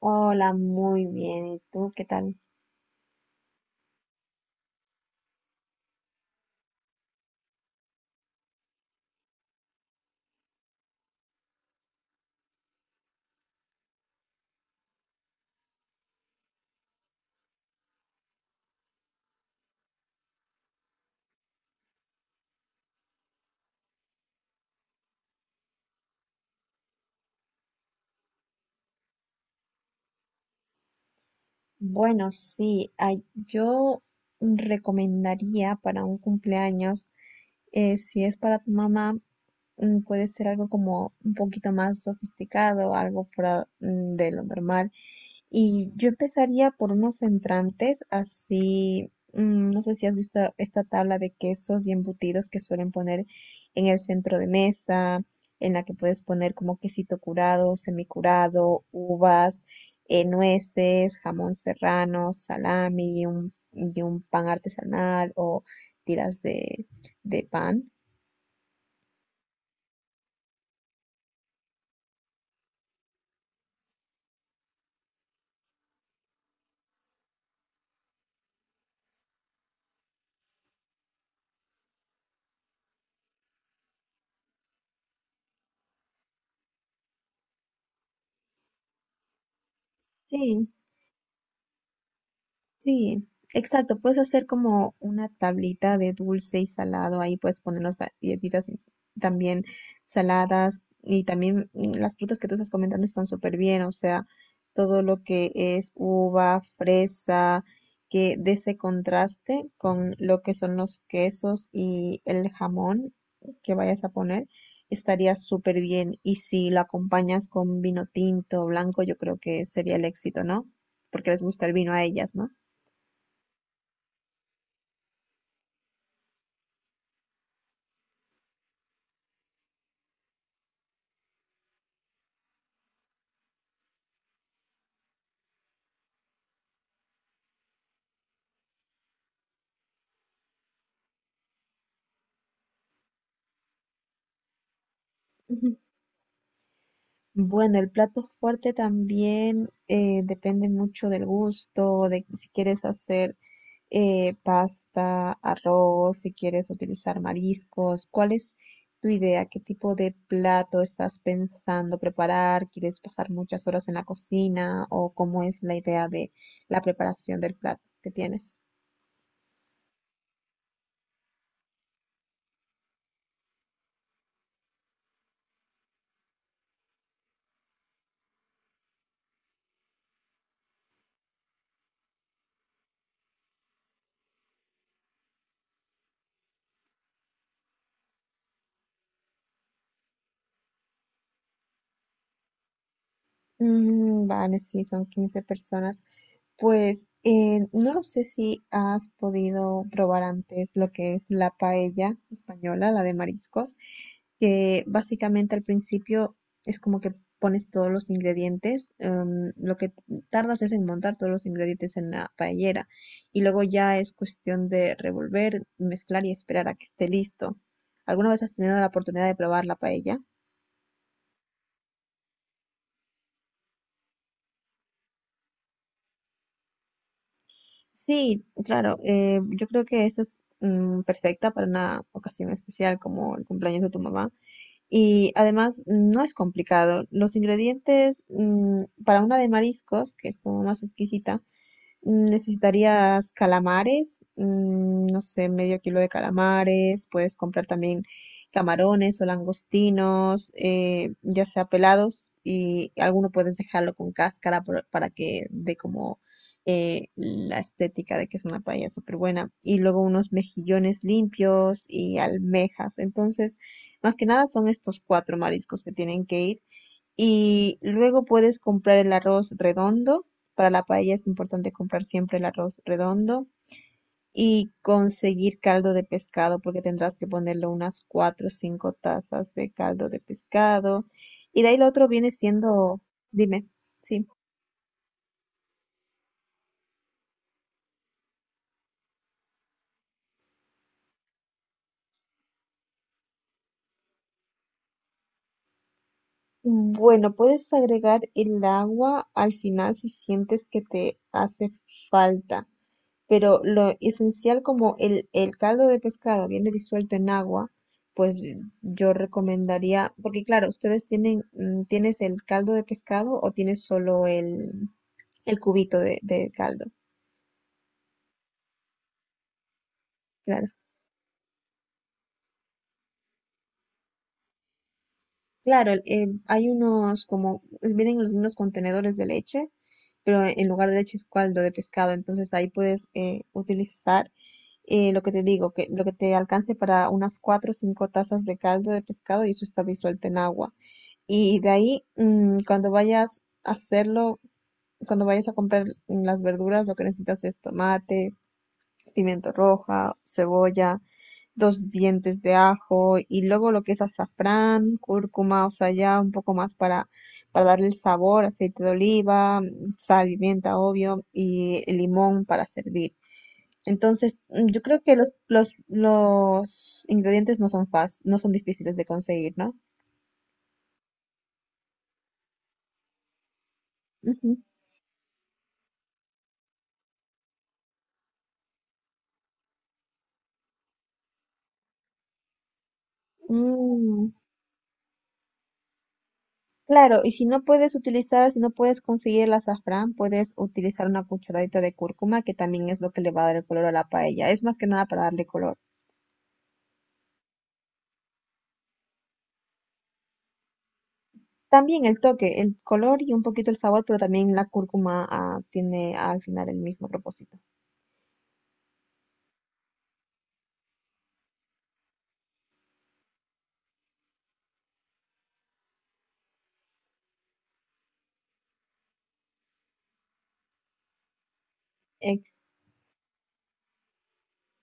Hola, muy bien. ¿Y tú qué tal? Bueno, sí, yo recomendaría para un cumpleaños, si es para tu mamá, puede ser algo como un poquito más sofisticado, algo fuera de lo normal. Y yo empezaría por unos entrantes, así, no sé si has visto esta tabla de quesos y embutidos que suelen poner en el centro de mesa, en la que puedes poner como quesito curado, semicurado, uvas, nueces, jamón serrano, salami y un pan artesanal o tiras de pan. Sí, sí, exacto. Puedes hacer como una tablita de dulce y salado. Ahí puedes poner las galletitas y también saladas y también, las frutas que tú estás comentando están súper bien. O sea, todo lo que es uva, fresa, que de ese contraste con lo que son los quesos y el jamón que vayas a poner, estaría súper bien. Y si lo acompañas con vino tinto o blanco, yo creo que sería el éxito, ¿no? Porque les gusta el vino a ellas, ¿no? Ujú. Bueno, el plato fuerte también, depende mucho del gusto, de si quieres hacer, pasta, arroz, si quieres utilizar mariscos. ¿Cuál es tu idea? ¿Qué tipo de plato estás pensando preparar? ¿Quieres pasar muchas horas en la cocina? ¿O cómo es la idea de la preparación del plato que tienes? Vale, sí, son 15 personas. Pues, no lo sé si has podido probar antes lo que es la paella española, la de mariscos, que básicamente al principio es como que pones todos los ingredientes, lo que tardas es en montar todos los ingredientes en la paellera y luego ya es cuestión de revolver, mezclar y esperar a que esté listo. ¿Alguna vez has tenido la oportunidad de probar la paella? Sí, claro. Yo creo que esto es, perfecta para una ocasión especial como el cumpleaños de tu mamá. Y además no es complicado. Los ingredientes, para una de mariscos, que es como más exquisita, necesitarías calamares, no sé, medio kilo de calamares. Puedes comprar también camarones o langostinos, ya sea pelados, y alguno puedes dejarlo con cáscara para que dé como, la estética de que es una paella súper buena. Y luego unos mejillones limpios y almejas. Entonces, más que nada son estos cuatro mariscos que tienen que ir. Y luego puedes comprar el arroz redondo. Para la paella es importante comprar siempre el arroz redondo y conseguir caldo de pescado porque tendrás que ponerle unas 4 o 5 tazas de caldo de pescado. Y de ahí lo otro viene siendo, dime, sí. Bueno, puedes agregar el agua al final si sientes que te hace falta, pero lo esencial, como el caldo de pescado viene disuelto en agua, pues yo recomendaría, porque claro, ustedes tienen, ¿tienes el caldo de pescado o tienes solo el cubito de caldo? Claro, claro, hay unos como, pues, vienen en los mismos contenedores de leche, pero en lugar de leche es caldo de pescado, entonces ahí puedes, utilizar, lo que te digo, que lo que te alcance para unas 4 o 5 tazas de caldo de pescado y eso está disuelto en agua. Y de ahí, cuando vayas a hacerlo, cuando vayas a comprar las verduras, lo que necesitas es tomate, pimiento roja, cebolla, dos dientes de ajo y luego lo que es azafrán, cúrcuma, o sea, ya un poco más para darle el sabor, aceite de oliva, sal, pimienta, obvio, y el limón para servir. Entonces, yo creo que los ingredientes no son fáciles, no son difíciles de conseguir, ¿no? Ujú. Mm. Claro, y si no puedes utilizar, si no puedes conseguir el azafrán, puedes utilizar una cucharadita de cúrcuma, que también es lo que le va a dar el color a la paella. Es más que nada para darle color. También el toque, el color y un poquito el sabor, pero también la cúrcuma, ah, tiene al final el mismo propósito.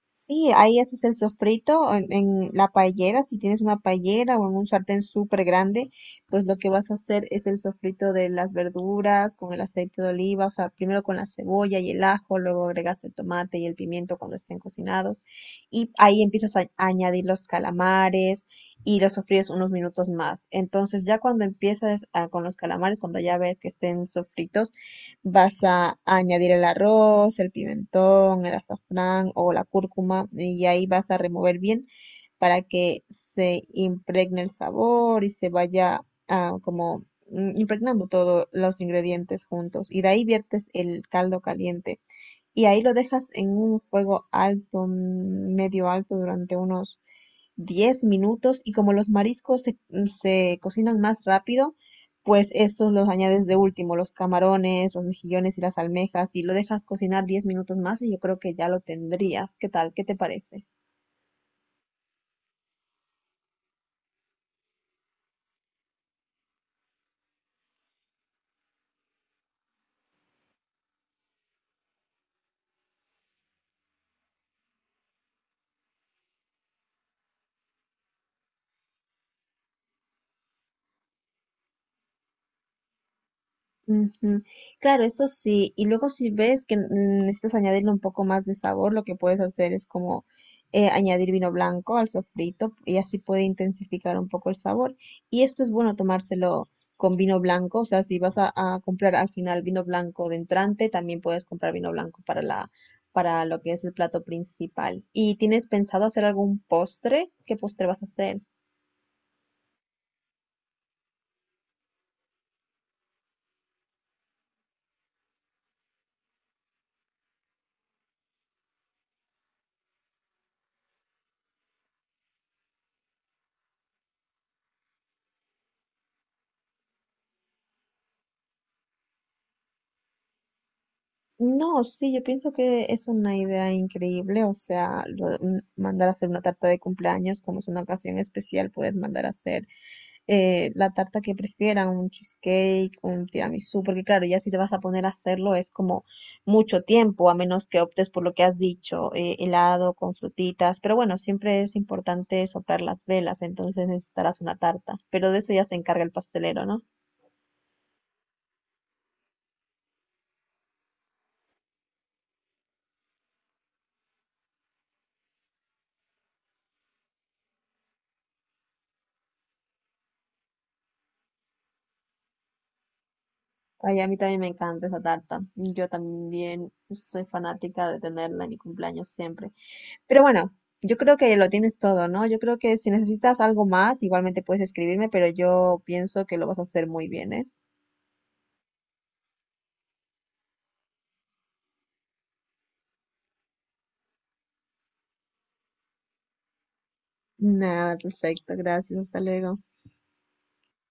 Sí, ahí haces el sofrito en la paellera, si tienes una paellera o en un sartén súper grande, pues lo que vas a hacer es el sofrito de las verduras con el aceite de oliva, o sea, primero con la cebolla y el ajo, luego agregas el tomate y el pimiento cuando estén cocinados y ahí empiezas a añadir los calamares y los sofríes unos minutos más. Entonces ya cuando empiezas con los calamares, cuando ya ves que estén sofritos, vas a añadir el arroz, el pimentón, el azafrán o la cúrcuma y ahí vas a remover bien para que se impregne el sabor y se vaya, como, impregnando todos los ingredientes juntos. Y de ahí viertes el caldo caliente y ahí lo dejas en un fuego alto, medio alto, durante unos 10 minutos y como los mariscos se cocinan más rápido, pues estos los añades de último, los camarones, los mejillones y las almejas y lo dejas cocinar 10 minutos más y yo creo que ya lo tendrías. ¿Qué tal? ¿Qué te parece? Ujú. Claro, eso sí. Y luego si ves que, necesitas añadirle un poco más de sabor, lo que puedes hacer es como, añadir vino blanco al sofrito y así puede intensificar un poco el sabor. Y esto es bueno tomárselo con vino blanco. O sea, si vas a comprar al final vino blanco de entrante, también puedes comprar vino blanco para la, para lo que es el plato principal. ¿Y tienes pensado hacer algún postre? ¿Qué postre vas a hacer? No, sí, yo pienso que es una idea increíble, o sea, lo de mandar a hacer una tarta de cumpleaños, como es una ocasión especial, puedes mandar a hacer, la tarta que prefieran, un cheesecake, un tiramisú, porque claro, ya si te vas a poner a hacerlo es como mucho tiempo, a menos que optes por lo que has dicho, helado con frutitas, pero bueno, siempre es importante soplar las velas, entonces necesitarás una tarta, pero de eso ya se encarga el pastelero, ¿no? Ay, a mí también me encanta esa tarta. Yo también soy fanática de tenerla en mi cumpleaños siempre. Pero bueno, yo creo que lo tienes todo, ¿no? Yo creo que si necesitas algo más, igualmente puedes escribirme, pero yo pienso que lo vas a hacer muy bien, ¿eh? Nada, perfecto. Gracias. Hasta luego.